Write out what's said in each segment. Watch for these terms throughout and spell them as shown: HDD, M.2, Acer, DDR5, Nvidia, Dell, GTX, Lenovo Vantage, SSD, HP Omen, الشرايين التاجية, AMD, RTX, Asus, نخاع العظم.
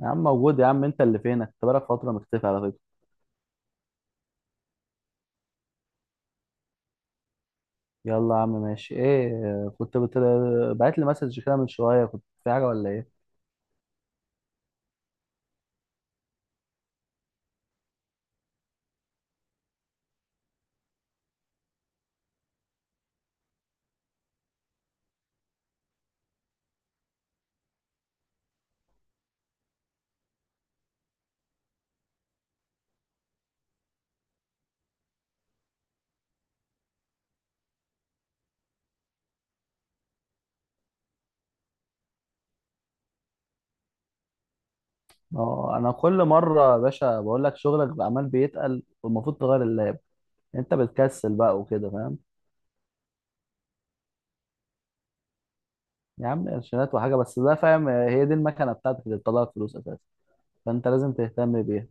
يا عم موجود، يا عم. انت اللي فينك، انت بقالك فترة مختفي على فكرة. يلا يا عم ماشي. ايه كنت بعت لي مسج كده من شوية. كنت في حاجة ولا ايه؟ اه انا كل مرة يا باشا بقول لك شغلك بقى عمال بيتقل والمفروض تغير اللاب. انت بتكسل بقى وكده، فاهم؟ يا عم قرشينات وحاجة بس ده، فاهم؟ هي دي المكنة بتاعتك اللي بتطلعك فلوس اساسا، فانت لازم تهتم بيها،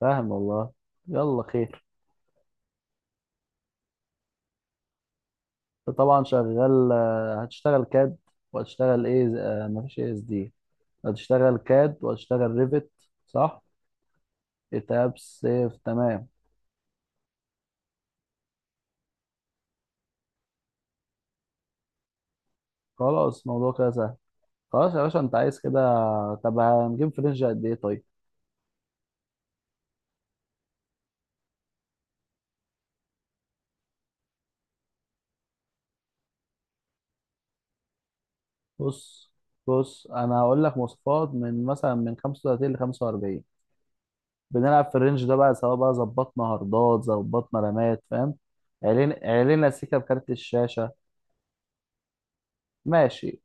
فاهم والله. يلا خير. انت طبعا شغال، هتشتغل كاد، وهتشتغل ايه، مفيش اس دي. هتشتغل كاد وهتشتغل ريفت. صح، كتاب سيف، تمام. خلاص الموضوع كده سهل. خلاص يا باشا انت عايز كده. طب هنجيب في رينج قد ايه طيب؟ بص بص انا هقول لك مواصفات، من مثلا من 35 ل 45، بنلعب في الرينج ده بقى، سواء بقى ظبطنا هاردات، ظبطنا رامات، فاهم. علينا سيكا بكارت الشاشه. ماشي،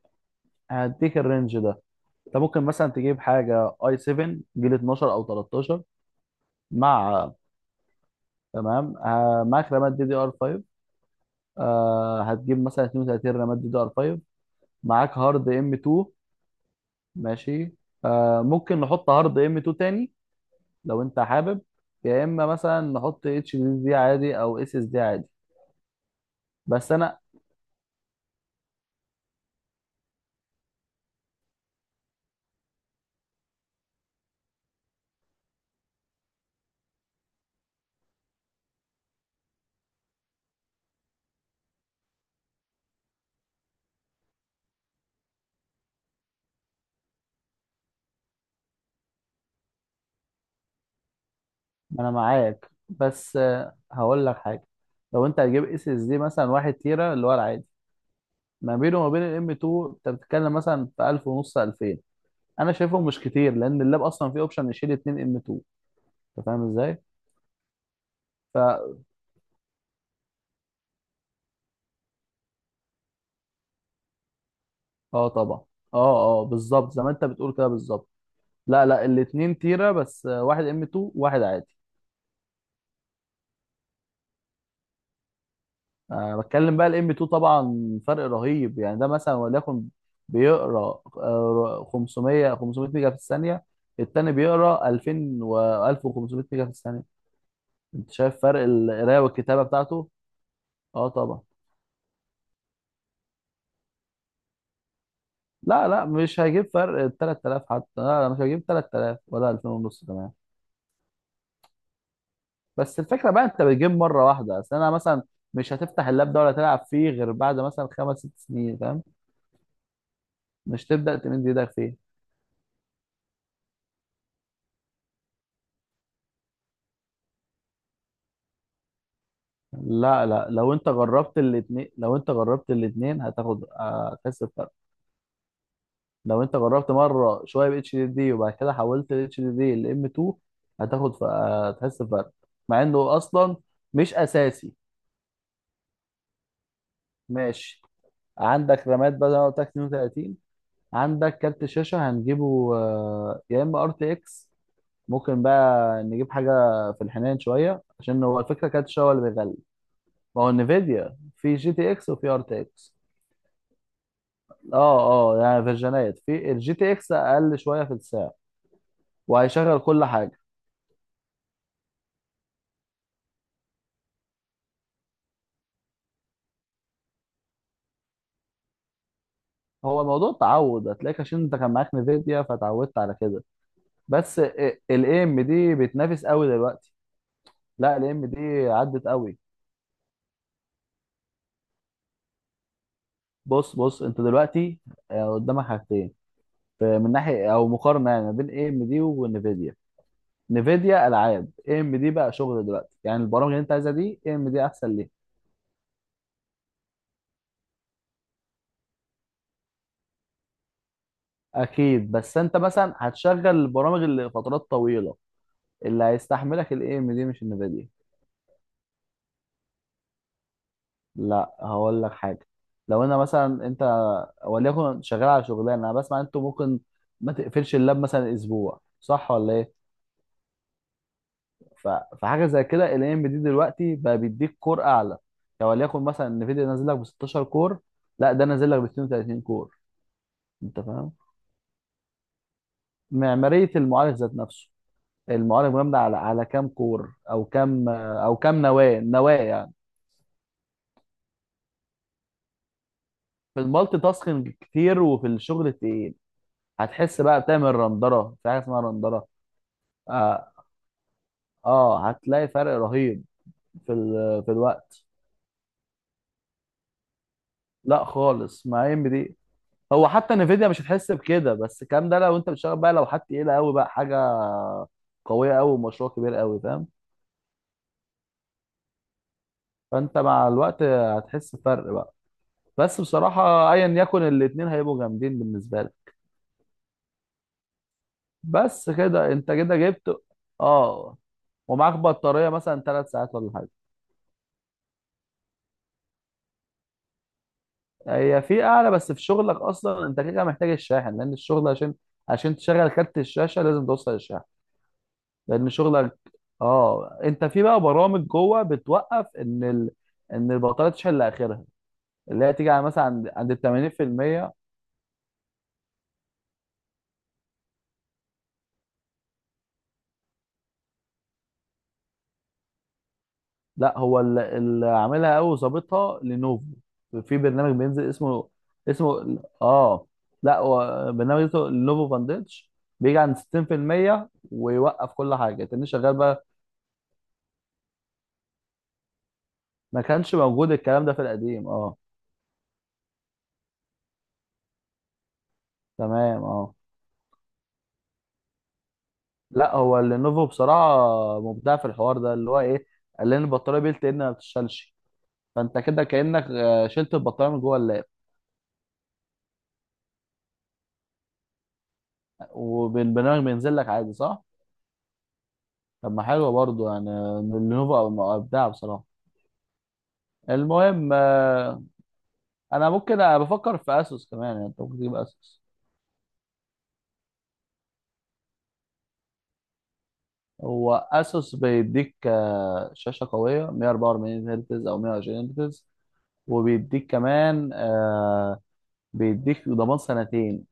هديك الرينج ده. انت ممكن مثلا تجيب حاجه اي 7، جيل 12 او 13. مع تمام. آه معاك رامات دي دي ار 5. آه، هتجيب مثلا 32 رامات دي دي ار 5. معاك هارد ام 2. ماشي، آه ممكن نحط هارد ام 2 تاني لو انت حابب، يا اما مثلا نحط اتش دي دي عادي او اس اس دي عادي. بس انا معاك، بس هقول لك حاجه. لو انت هتجيب اس اس دي مثلا 1 تيرا، اللي هو العادي، ما بينه وما بين الام 2، انت بتتكلم مثلا في 1000 ونص 2000. انا شايفهم مش كتير لان اللاب اصلا فيه اوبشن يشيل 2 ام 2، انت فاهم ازاي؟ اه طبعا. اه اه، بالظبط زي ما انت بتقول كده، بالظبط. لا لا، الاتنين تيرة بس، واحد ام 2، واحد عادي. أه بتكلم بقى الام 2، طبعا فرق رهيب. يعني ده مثلا وليكن بيقرا 500 500 ميجا في الثانية، التاني بيقرا 2000 و 1500 ميجا في الثانية. انت شايف فرق القراية والكتابة بتاعته؟ اه طبعا. لا لا، مش هيجيب فرق 3000 حتى، لا لا مش هيجيب 3000 ولا 2000 ونص كمان. بس الفكره بقى انت بتجيب مره واحده. اصل انا مثلا مش هتفتح اللاب ده ولا تلعب فيه غير بعد مثلا 5 أو 6 سنين، فاهم. مش تبدا تمد ايدك فيه. لا لا، لو انت جربت الاثنين، لو انت جربت الاثنين هتاخد، هتحس بفرق. لو انت جربت مره شويه ب اتش دي دي، وبعد كده حولت ال اتش دي دي ل ام 2، هتحس بفرق، مع انه اصلا مش اساسي. ماشي، عندك رامات بقى زي ما قلت لك 32. عندك كارت شاشه هنجيبه، يا اما ار تي اكس، ممكن بقى نجيب حاجة في الحنين شوية، عشان هو الفكرة كانت شو اللي بيغلي. ما هو انفيديا في جي تي اكس، وفي ار تي اكس. اه اه، يعني فيرجنات في الجي تي اكس اقل شوية في السعر، وهيشغل كل حاجة. هو موضوع تعود، هتلاقيك عشان انت كان معاك نفيديا فتعودت على كده. بس الاي ام دي بتنافس قوي دلوقتي. لا، الاي ام دي عدت قوي. بص انت دلوقتي، قدامك حاجتين. من ناحية او مقارنة يعني، ما بين اي ام دي وانفيديا، نفيديا العاب، اي ام دي بقى شغل دلوقتي. يعني البرامج اللي انت عايزها دي، اي ام دي احسن ليه. اكيد، بس انت مثلا هتشغل البرامج اللي لفترات طويله، اللي هيستحملك الاي ام دي مش النفيديا. لا هقول لك حاجه، لو انا مثلا انت وليكن شغال على شغلانه، انا بسمع انتوا ممكن ما تقفلش اللاب مثلا اسبوع، صح ولا ايه؟ ف- فحاجه زي كده الاي ام دي دلوقتي بقى بيديك كور اعلى. يعني وليكن مثلا النفيديا نازل لك ب 16 كور، لا ده نازل لك ب 32 كور. انت فاهم، معمارية المعالج ذات نفسه. المعالج مبني على كام كور، او كام، او كام نواة يعني، في المالتي تاسكينج كتير، وفي الشغل التقيل. هتحس بقى، بتعمل رندرة، في حاجة اسمها رندرة. اه, هتلاقي فرق رهيب في في الوقت، لا خالص مع ام دي. هو حتى نفيديا مش هتحس بكده، بس الكلام ده لو انت بتشتغل بقى، لو حد تقيلة قوي بقى، حاجة قوية قوي ومشروع كبير قوي، فاهم. فانت مع الوقت هتحس بفرق بقى، بس بصراحة ايا يكن، الاتنين هيبقوا جامدين بالنسبة لي. بس كده انت كده جبت. اه، ومعاك بطاريه مثلا 3 ساعات ولا حاجه. هي في اعلى، بس في شغلك اصلا انت كده محتاج الشاحن. لان الشغل، عشان عشان تشغل كارت الشاشه لازم توصل الشاحن، لان شغلك، اه انت في بقى برامج جوه بتوقف ان ان البطاريه تشحن لاخرها، اللي هي تيجي على مثلا عند ال 80%. لا هو اللي عاملها قوي وظابطها لينوفو، في برنامج بينزل اسمه، اسمه اه لا هو برنامج اسمه لينوفو فانديتش، بيجي عند 60% ويوقف. كل حاجه تاني شغال بقى. ما كانش موجود الكلام ده في القديم، اه. تمام اه. لا هو لينوفو بصراحه مبدع في الحوار ده، اللي هو ايه، قال لنا البطاريه بيلت ان ما بتشتغلش، فانت كده كانك شلت البطاريه من جوه اللاب، وبالبرنامج بينزل لك عادي، صح؟ طب ما حلوه برضه يعني، لينوفو ابدع بصراحه. المهم انا ممكن، أنا بفكر في اسوس كمان، يعني انت ممكن تجيب اسوس. هو اسوس بيديك شاشه قويه 144 هرتز او 120 هرتز، وبيديك كمان بيديك ضمان سنتين.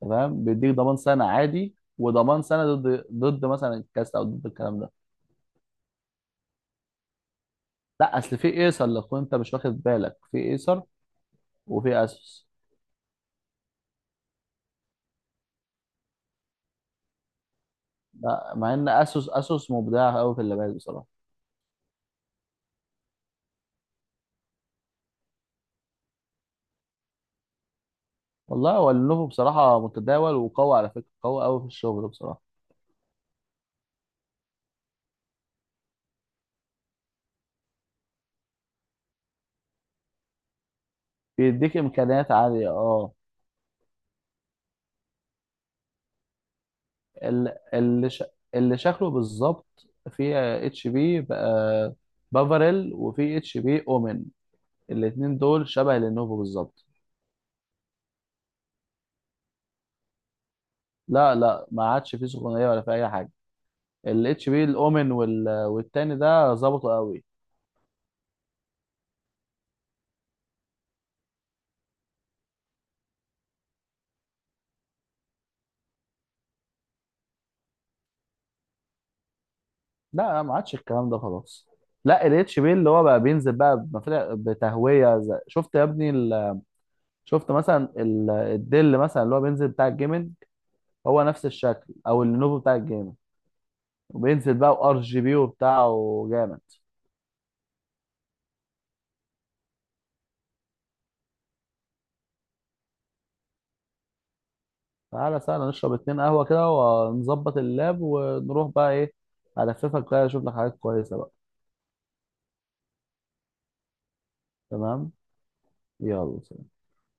تمام، بيديك ضمان سنه عادي وضمان سنه ضد مثلا الكاست، او ضد الكلام ده. لا اصل في ايسر لو كنت انت مش واخد بالك، في ايسر وفي اسوس. لا، مع ان اسوس، اسوس مبدع قوي في اللابات بصراحه. والله هو لينوفو بصراحة متداول وقوي على فكرة، قوي قوي في الشغل بصراحة. بيديك إمكانيات عالية اه. ال- اللي ش... اللي شكله بالظبط في اتش بي بقى، بافاريل، وفي اتش بي اومن. الاتنين دول شبه لينوفو بالظبط. لا لا، ما عادش فيه سخونية ولا في أي حاجة. الاتش بي الاومن والتاني ده ظبطوا قوي. لا لا، ما عادش الكلام ده خلاص. لا الاتش بي اللي هو بقى بينزل بقى بتهوية شفت يا ابني، شفت مثلا الدل مثلا، اللي هو بينزل بتاع الجيمنج، هو نفس الشكل او النوفو بتاع الجيمنج، وبينزل بقى وار جي بي وبتاعه جامد. تعالى سهلا نشرب 2 قهوة كده ونظبط اللاب، ونروح بقى ايه، هلففك بقى اشوف لك حاجات كويسة بقى. تمام، يلا.